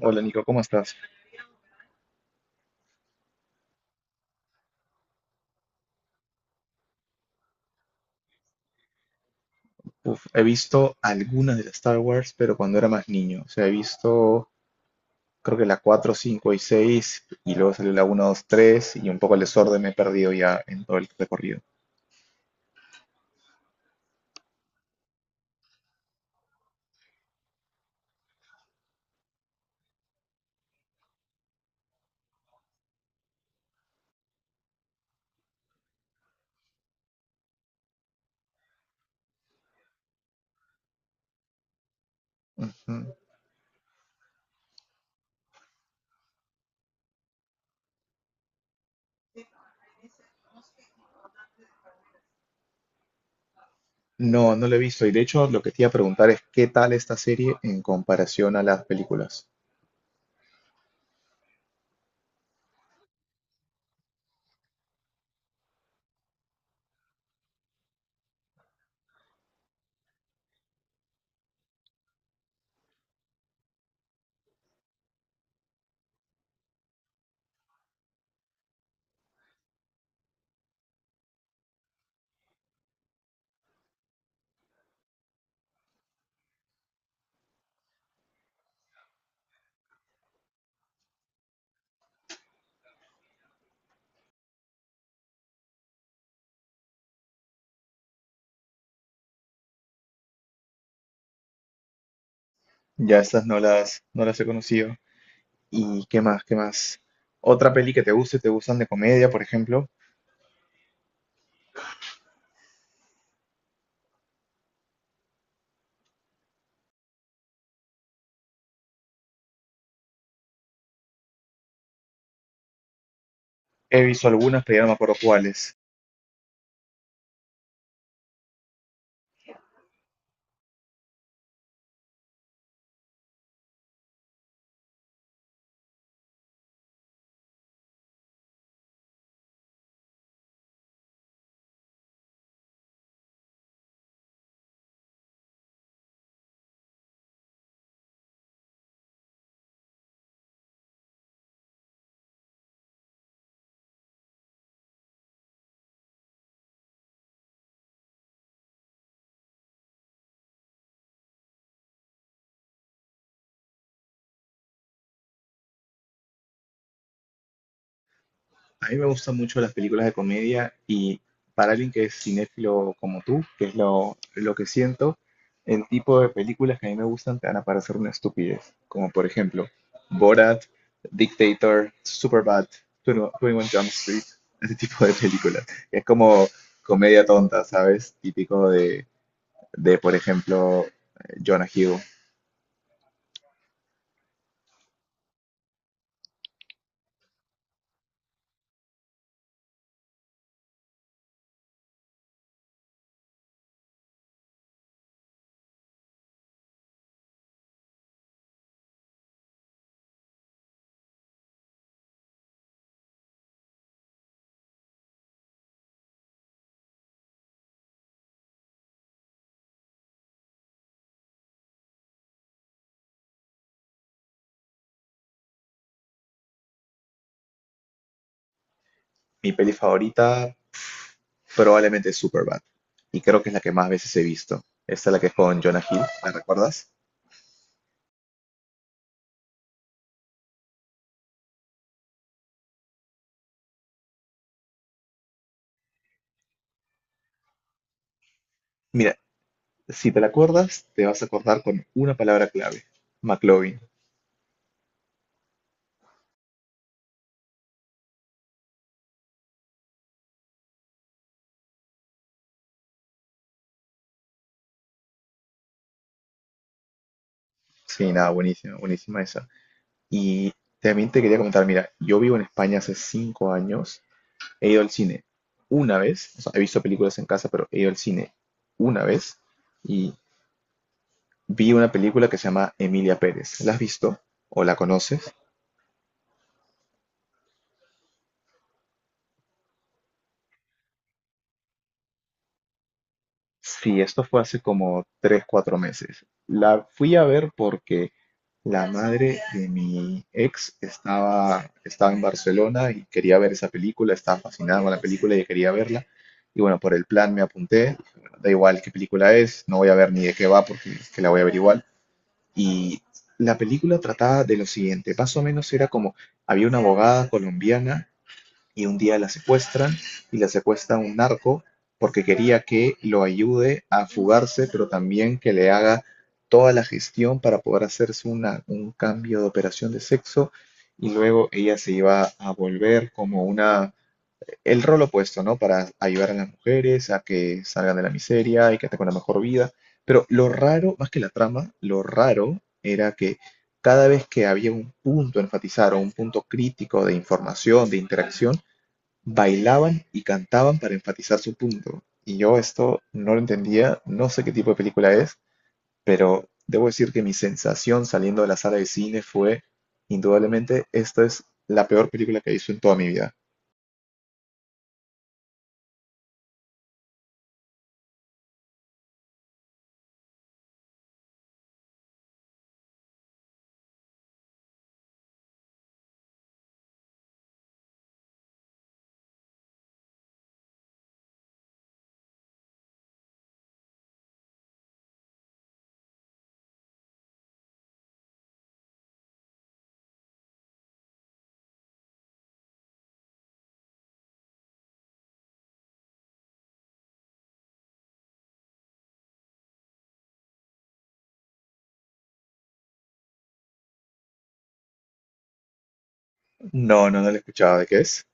Hola Nico, ¿cómo estás? Uf, he visto algunas de las Star Wars, pero cuando era más niño. O sea, he visto creo que la 4, 5 y 6, y luego salió la uno, 2, 3 y un poco el desorden me he perdido ya en todo el recorrido. Ujú. No, no lo he visto. Y de hecho, lo que te iba a preguntar es qué tal esta serie en comparación a las películas. Ya estas no las he conocido. ¿Y qué más? ¿Qué más? Otra peli que te guste, te gustan de comedia, por ejemplo. He visto algunas, pero ya no me acuerdo cuáles. A mí me gustan mucho las películas de comedia y para alguien que es cinéfilo como tú, que es lo que siento, el tipo de películas que a mí me gustan te van a parecer una estupidez, como por ejemplo Borat, Dictator, Superbad, 21 Jump Street, ese tipo de películas. Es como comedia tonta, ¿sabes? Típico de por ejemplo, Jonah Hill. Mi peli favorita probablemente es Superbad. Y creo que es la que más veces he visto. Esta es la que es con Jonah Hill, ¿la recuerdas? Mira, si te la acuerdas, te vas a acordar con una palabra clave, McLovin. Sí, nada, buenísima, buenísima esa. Y también te quería comentar, mira, yo vivo en España hace 5 años, he ido al cine una vez, o sea, he visto películas en casa, pero he ido al cine una vez y vi una película que se llama Emilia Pérez. ¿La has visto o la conoces? Sí, esto fue hace como tres, cuatro meses. La fui a ver porque la madre de mi ex estaba en Barcelona y quería ver esa película, estaba fascinada con la película y quería verla. Y bueno, por el plan me apunté, bueno, da igual qué película es, no voy a ver ni de qué va porque es que la voy a ver igual. Y la película trataba de lo siguiente, más o menos era como, había una abogada colombiana y un día la secuestran y la secuestra un narco porque quería que lo ayude a fugarse, pero también que le haga toda la gestión para poder hacerse un cambio de operación de sexo y luego ella se iba a volver como una, el rol opuesto, ¿no? Para ayudar a las mujeres a que salgan de la miseria y que tengan una mejor vida. Pero lo raro, más que la trama, lo raro era que cada vez que había un punto a enfatizar o un punto crítico de información, de interacción, bailaban y cantaban para enfatizar su punto. Y yo esto no lo entendía, no sé qué tipo de película es. Debo decir que mi sensación saliendo de la sala de cine fue, indudablemente, esta es la peor película que he visto en toda mi vida. No, no, no la escuchaba. ¿De qué es?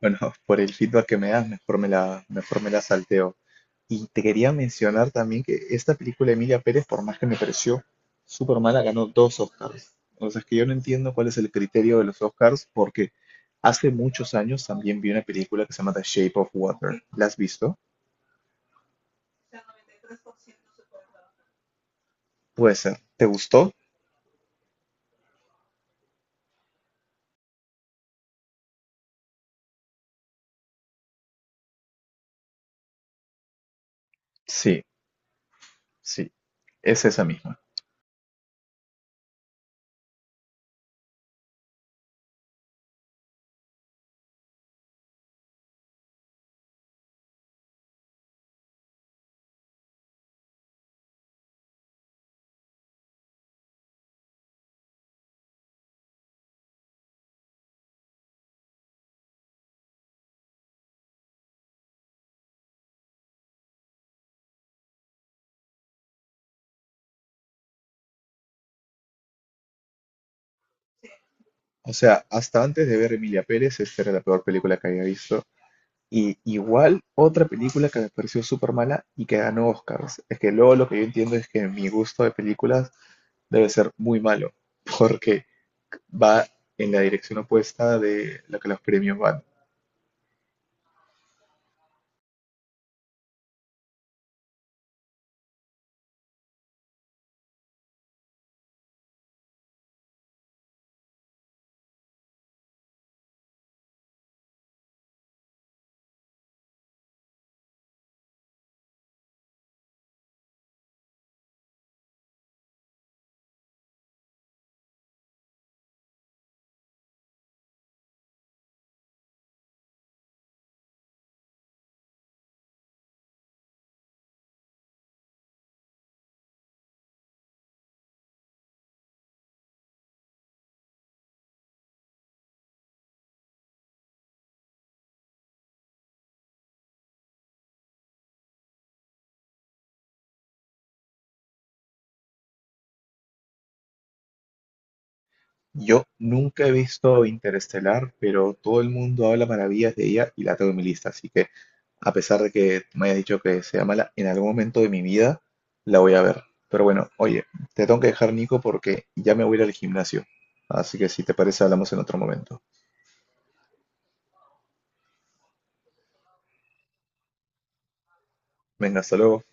Bueno, por el feedback que me das, mejor me mejor me la salteo. Y te quería mencionar también que esta película de Emilia Pérez, por más que me pareció súper mala, ganó 2 Oscars. O sea, es que yo no entiendo cuál es el criterio de los Oscars, porque hace muchos años también vi una película que se llama The Shape of Water. ¿La has visto? Puede ser. ¿Te gustó? Sí, sí, es esa misma. O sea, hasta antes de ver Emilia Pérez, esta era la peor película que había visto. Y igual, otra película que me pareció súper mala y que ganó Oscars. Es que luego lo que yo entiendo es que mi gusto de películas debe ser muy malo, porque va en la dirección opuesta de lo que los premios van. Yo nunca he visto Interestelar, pero todo el mundo habla maravillas de ella y la tengo en mi lista. Así que, a pesar de que me hayas dicho que sea mala, en algún momento de mi vida la voy a ver. Pero bueno, oye, te tengo que dejar, Nico, porque ya me voy a ir al gimnasio. Así que si te parece, hablamos en otro momento. Venga, hasta luego.